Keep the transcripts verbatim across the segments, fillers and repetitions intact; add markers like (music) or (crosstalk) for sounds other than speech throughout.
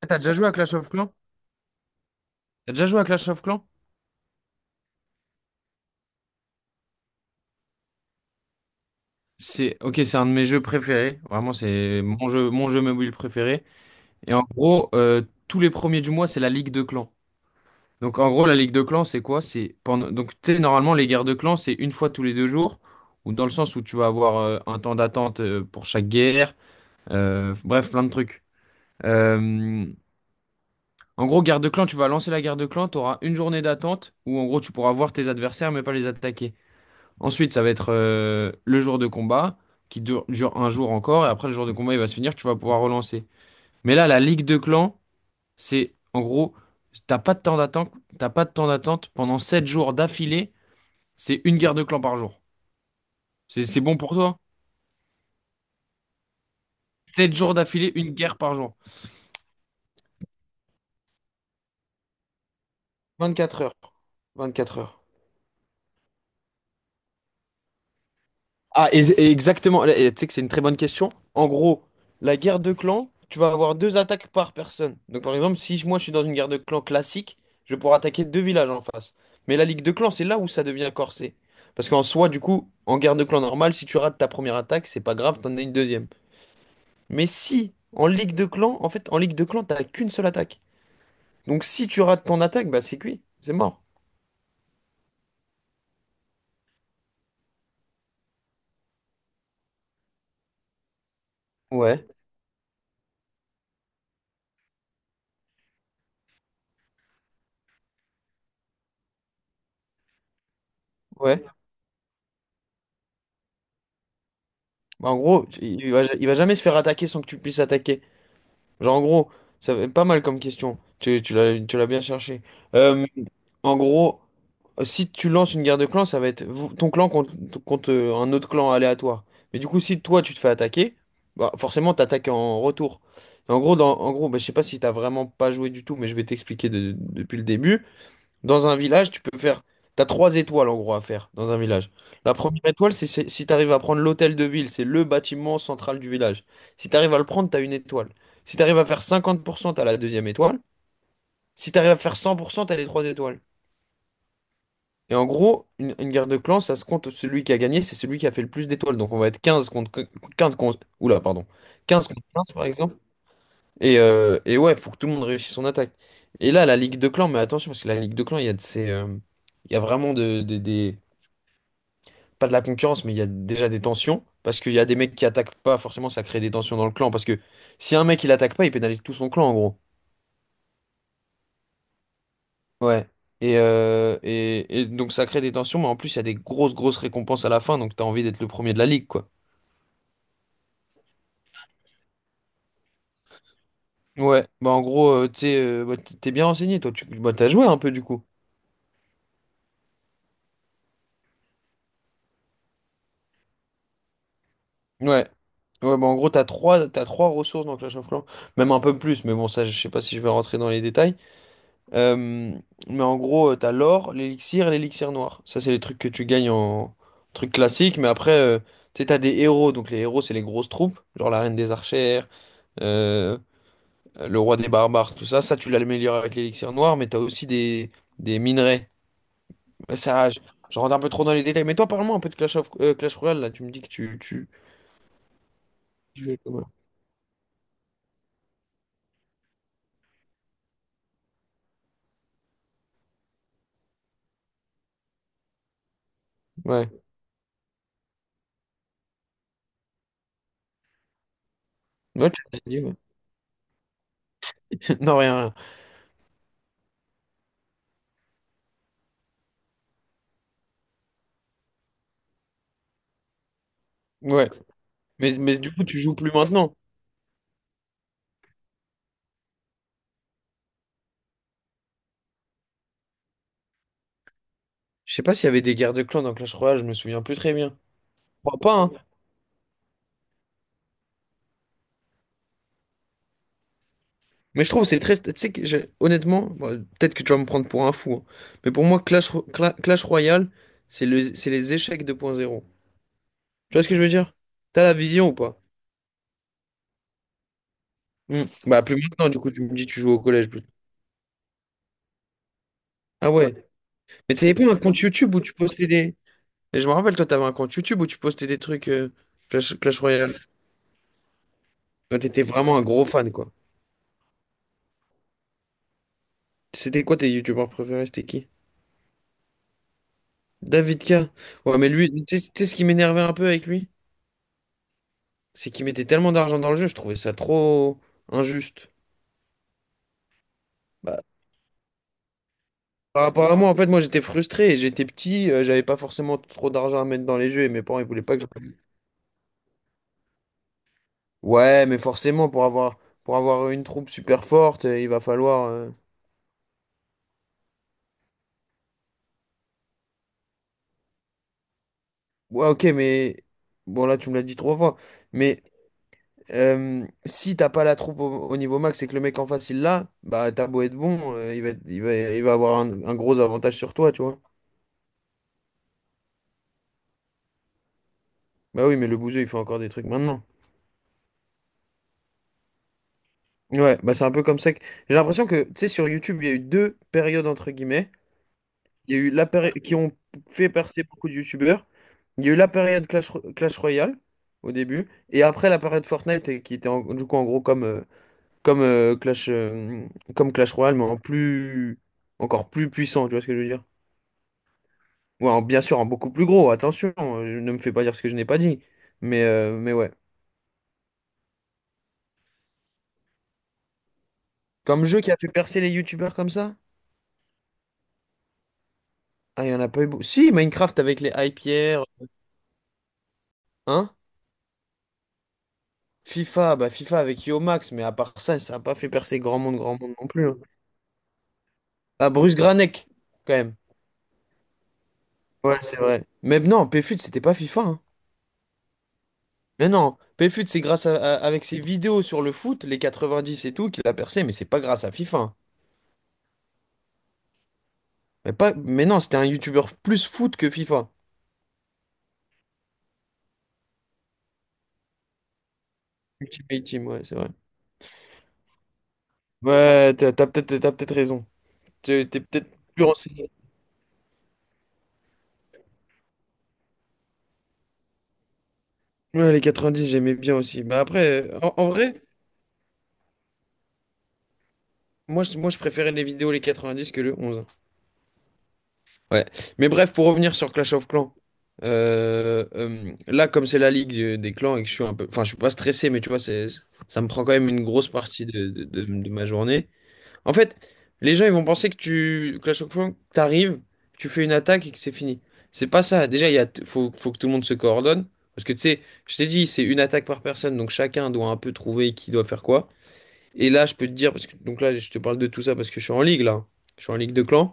Ah, t'as déjà joué à Clash of Clans? T'as déjà joué à Clash of Clans? C'est ok, c'est un de mes jeux préférés. Vraiment, c'est mon jeu, mon jeu mobile préféré. Et en gros, euh, tous les premiers du mois, c'est la Ligue de Clans. Donc en gros, la Ligue de Clans, c'est quoi? C'est pendant. Donc tu sais, normalement, les guerres de clans, c'est une fois tous les deux jours, ou dans le sens où tu vas avoir euh, un temps d'attente euh, pour chaque guerre. Euh, bref, plein de trucs. Euh, En gros, guerre de clan, tu vas lancer la guerre de clan, tu auras une journée d'attente où en gros tu pourras voir tes adversaires mais pas les attaquer. Ensuite, ça va être euh, le jour de combat qui dure, dure un jour encore. Et après, le jour de combat, il va se finir. Tu vas pouvoir relancer. Mais là, la ligue de clans, c'est en gros, t'as pas de temps d'attente, t'as pas de temps d'attente pendant sept jours d'affilée. C'est une guerre de clans par jour. C'est c'est bon pour toi? Sept jours d'affilée, une guerre par jour. vingt-quatre heures. vingt-quatre heures. Ah, et, et exactement. Et tu sais que c'est une très bonne question. En gros, la guerre de clan, tu vas avoir deux attaques par personne. Donc, par exemple, si moi je suis dans une guerre de clan classique, je vais pouvoir attaquer deux villages en face. Mais la ligue de clan, c'est là où ça devient corsé. Parce qu'en soi, du coup, en guerre de clan normale, si tu rates ta première attaque, c'est pas grave, t'en as une deuxième. Mais si, en ligue de clan, en fait, en ligue de clan, t'as qu'une seule attaque. Donc, si tu rates ton attaque, bah c'est cuit, c'est mort. Ouais, ouais. Bah, en gros, il il va, il va jamais se faire attaquer sans que tu puisses attaquer. Genre, en gros, ça fait pas mal comme question. Tu, tu l'as, tu l'as bien cherché. Euh, En gros, si tu lances une guerre de clans, ça va être vous- ton clan contre, contre euh, un autre clan aléatoire. Mais du coup, si toi, tu te fais attaquer, bah, forcément, t'attaques en retour. Et en gros, dans, en gros bah, je sais pas si t'as vraiment pas joué du tout, mais je vais t'expliquer de- depuis le début. Dans un village, tu peux faire. T'as trois étoiles en gros à faire dans un village. La première étoile, c'est c'est- si t'arrives à prendre l'hôtel de ville, c'est le bâtiment central du village. Si t'arrives à le prendre, t'as une étoile. Si t'arrives à faire cinquante pour cent, t'as la deuxième étoile. Si t'arrives à faire cent pour cent, t'as les trois étoiles. Et en gros, une, une guerre de clans, ça se compte, celui qui a gagné, c'est celui qui a fait le plus d'étoiles. Donc on va être quinze contre quinze contre. Oula, pardon. quinze contre quinze par exemple. Et, euh, et ouais, faut que tout le monde réussisse son attaque. Et là, la ligue de clans, mais attention, parce que la ligue de clans, il y a de ces. Euh, il y a vraiment de, de- des pas de la concurrence, mais il y a déjà des tensions. Parce qu'il y a des mecs qui attaquent pas, forcément, ça crée des tensions dans le clan. Parce que si un mec il attaque pas, il pénalise tout son clan, en gros. Ouais. Et, euh, et, et donc ça crée des tensions, mais en plus il y a des grosses, grosses récompenses à la fin, donc t'as envie d'être le premier de la ligue, quoi. Ouais, bah en gros, euh, tu sais, euh, bah, t- t'es bien renseigné, toi, tu bah, t'as joué un peu du coup. Ouais. Ouais, bah en gros, t'as trois, t'as trois ressources dans Clash of Clans, même un peu plus, mais bon, ça, je sais pas si je vais rentrer dans les détails. Euh, mais en gros, euh, t'as l'or, l'élixir et l'élixir noir. Ça, c'est les trucs que tu gagnes en trucs classiques. Mais après, euh, tu sais, t'as des héros. Donc, les héros, c'est les grosses troupes. Genre la reine des archères, euh, le roi des barbares, tout ça. Ça, tu l'améliores avec l'élixir noir. Mais t'as aussi des, des minerais. Mais ça, je, je rentre un peu trop dans les détails. Mais toi, parle-moi un peu de Clash of, euh, Clash Royale. Là, tu me dis que tu, tu, tu jouais. comme- Ouais. Ouais, tu l'as dit, ouais. (laughs) Non, rien, rien. Ouais. Mais, mais du coup, tu joues plus maintenant. Je sais pas s'il y avait des guerres de clans dans Clash Royale. Je me souviens plus très bien. Crois pas, hein. Mais je trouve que c'est très. Tu sais que j'ai- honnêtement, bon, peut-être que tu vas me prendre pour un fou, hein. Mais pour moi, Clash, Ro- Cla- Clash Royale, c'est le... c'est les échecs deux point zéro. Tu vois ce que je veux dire? T'as la vision ou pas? Hmm. Bah, plus maintenant, du coup, tu me dis que tu joues au collège. Plus. Ah ouais. Mais t'avais pas un compte YouTube où tu postais des. Et je me rappelle, toi, t'avais un compte YouTube où tu postais des trucs euh, Clash... Clash Royale. Toi, t'étais vraiment un gros fan, quoi. C'était quoi tes youtubeurs préférés? C'était qui? David K. Ouais, mais lui, tu sais tu sais ce qui m'énervait un peu avec lui? C'est qu'ils mettaient tellement d'argent dans le jeu, je trouvais ça trop injuste. Bah, par rapport à moi, en fait, moi j'étais frustré, j'étais petit, euh, j'avais pas forcément trop d'argent à mettre dans les jeux et mes parents ils voulaient pas que. Ouais, mais forcément pour avoir pour avoir une troupe super forte, euh, il va falloir. euh, Ouais, ok, mais bon là tu me l'as dit trois fois, mais euh, si t'as pas la troupe au, au niveau max et que le mec en face il l'a, bah t'as beau être bon, euh, il va être- il va il va avoir un, un gros avantage sur toi, tu vois. Bah oui, mais le bouseux il fait encore des trucs maintenant. Ouais, bah c'est un peu comme ça que. J'ai l'impression que, tu sais, sur YouTube, il y a eu deux périodes, entre guillemets. Il y a eu la période qui ont fait percer beaucoup de YouTubeurs. Il y a eu la période Clash, Ro- Clash Royale, au début. Et après, la période Fortnite, et qui était en- du coup, en gros, comme, euh, comme, euh, Clash, euh, comme Clash Royale, mais en plus. Encore plus puissant, tu vois ce que je veux dire? Ouais, en- bien sûr, en beaucoup plus gros, attention, euh, ne me fais pas dire ce que je n'ai pas dit. Mais, euh, mais ouais. Comme jeu qui a fait percer les YouTubeurs comme ça? Ah, il y en a pas eu beaucoup. Si, Minecraft avec les hype pierres, hein? FIFA, bah FIFA avec Yo Max, mais à part ça, ça n'a pas fait percer grand monde, grand monde non plus, hein. Ah, Bruce Granek, quand même. Ouais, c'est vrai. Mais non, PFUT, c'était pas FIFA, hein. Mais non, PFUT, c'est grâce à, à- avec ses vidéos sur le foot, les quatre-vingt-dix et tout, qu'il a percé, mais c'est pas grâce à FIFA, hein. Mais, pas, mais non, c'était un YouTuber plus foot que FIFA. Ultimate Team, ouais, c'est vrai. Ouais, t'as t'as peut-être t'as peut-être raison. T'es t'es peut-être plus renseigné. Ouais, les quatre-vingt-dix j'aimais bien aussi. Bah après, en, en vrai, moi je, moi je préférais les vidéos les quatre-vingt-dix que le onze, hein. Ouais. Mais bref, pour revenir sur Clash of Clans, euh, euh, là, comme c'est la ligue du- des clans et que je suis un peu. Enfin, je suis pas stressé, mais tu vois, c'est, ça me prend quand même une grosse partie de, de- de- de ma journée. En fait, les gens, ils vont penser que tu. Clash of Clans, t'arrives, tu fais une attaque et que c'est fini. C'est pas ça. Déjà, il y a, faut, faut que tout le monde se coordonne. Parce que tu sais, je t'ai dit, c'est une attaque par personne, donc chacun doit un peu trouver qui doit faire quoi. Et là, je peux te dire, parce que donc là, je te parle de tout ça parce que je suis en ligue, là. Je suis en ligue de clans.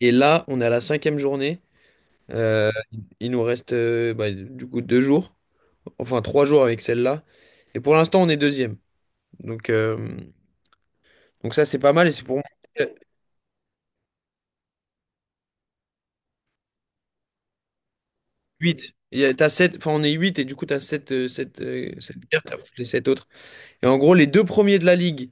Et là, on est à la cinquième journée. Euh, il nous reste euh, bah, du coup deux jours, enfin trois jours avec celle-là. Et pour l'instant, on est deuxième. Donc, euh, donc ça, c'est pas mal. Et c'est pour moi huit. Il y a, t'as sept, enfin, on est huit et du coup, tu as sept euh, sept cartes après les sept autres. Et en gros, les deux premiers de la ligue,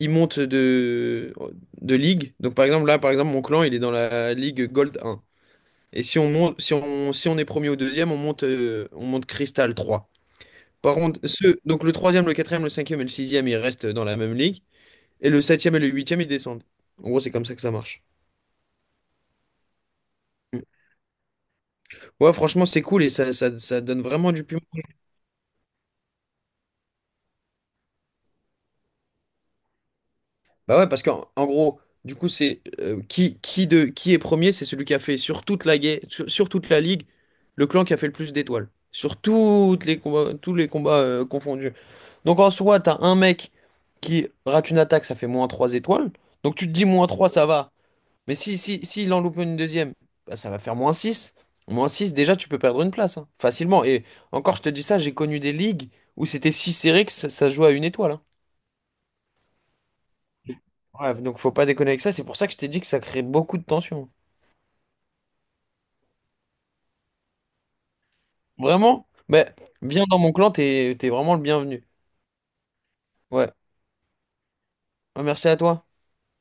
ils montent de, de ligue. Donc par exemple, là, par exemple, mon clan, il est dans la ligue Gold un. Et si on monte, si on, si on est premier ou deuxième, on monte, euh, on monte Crystal trois. Par contre, ceux, donc le troisième, le quatrième, le cinquième et le sixième, ils restent dans la même ligue. Et le septième et le huitième, ils descendent. En gros, c'est comme ça que ça marche. Mm. Ouais, franchement, c'est cool et ça, ça, ça donne vraiment du piment. Bah ouais, parce qu'en en gros, du coup, c'est euh, qui, qui, de, qui est premier, c'est celui qui a fait sur toute la, guerre- sur, sur toute la ligue le clan qui a fait le plus d'étoiles. Sur toutes les combats, tous les combats euh, confondus. Donc en soi, t'as un mec qui rate une attaque, ça fait moins trois étoiles. Donc tu te dis moins trois, ça va. Mais si, si, si il en loupe une deuxième, bah, ça va faire moins six. Moins six, déjà, tu peux perdre une place, hein, facilement. Et encore, je te dis ça, j'ai connu des ligues où c'était si serré que ça, ça se jouait à une étoile, hein. Ouais, donc faut pas déconner avec ça. C'est pour ça que je t'ai dit que ça crée beaucoup de tension. Vraiment? Mais viens dans mon clan, t'es, t'es vraiment le bienvenu. Ouais. Ouais, merci à toi.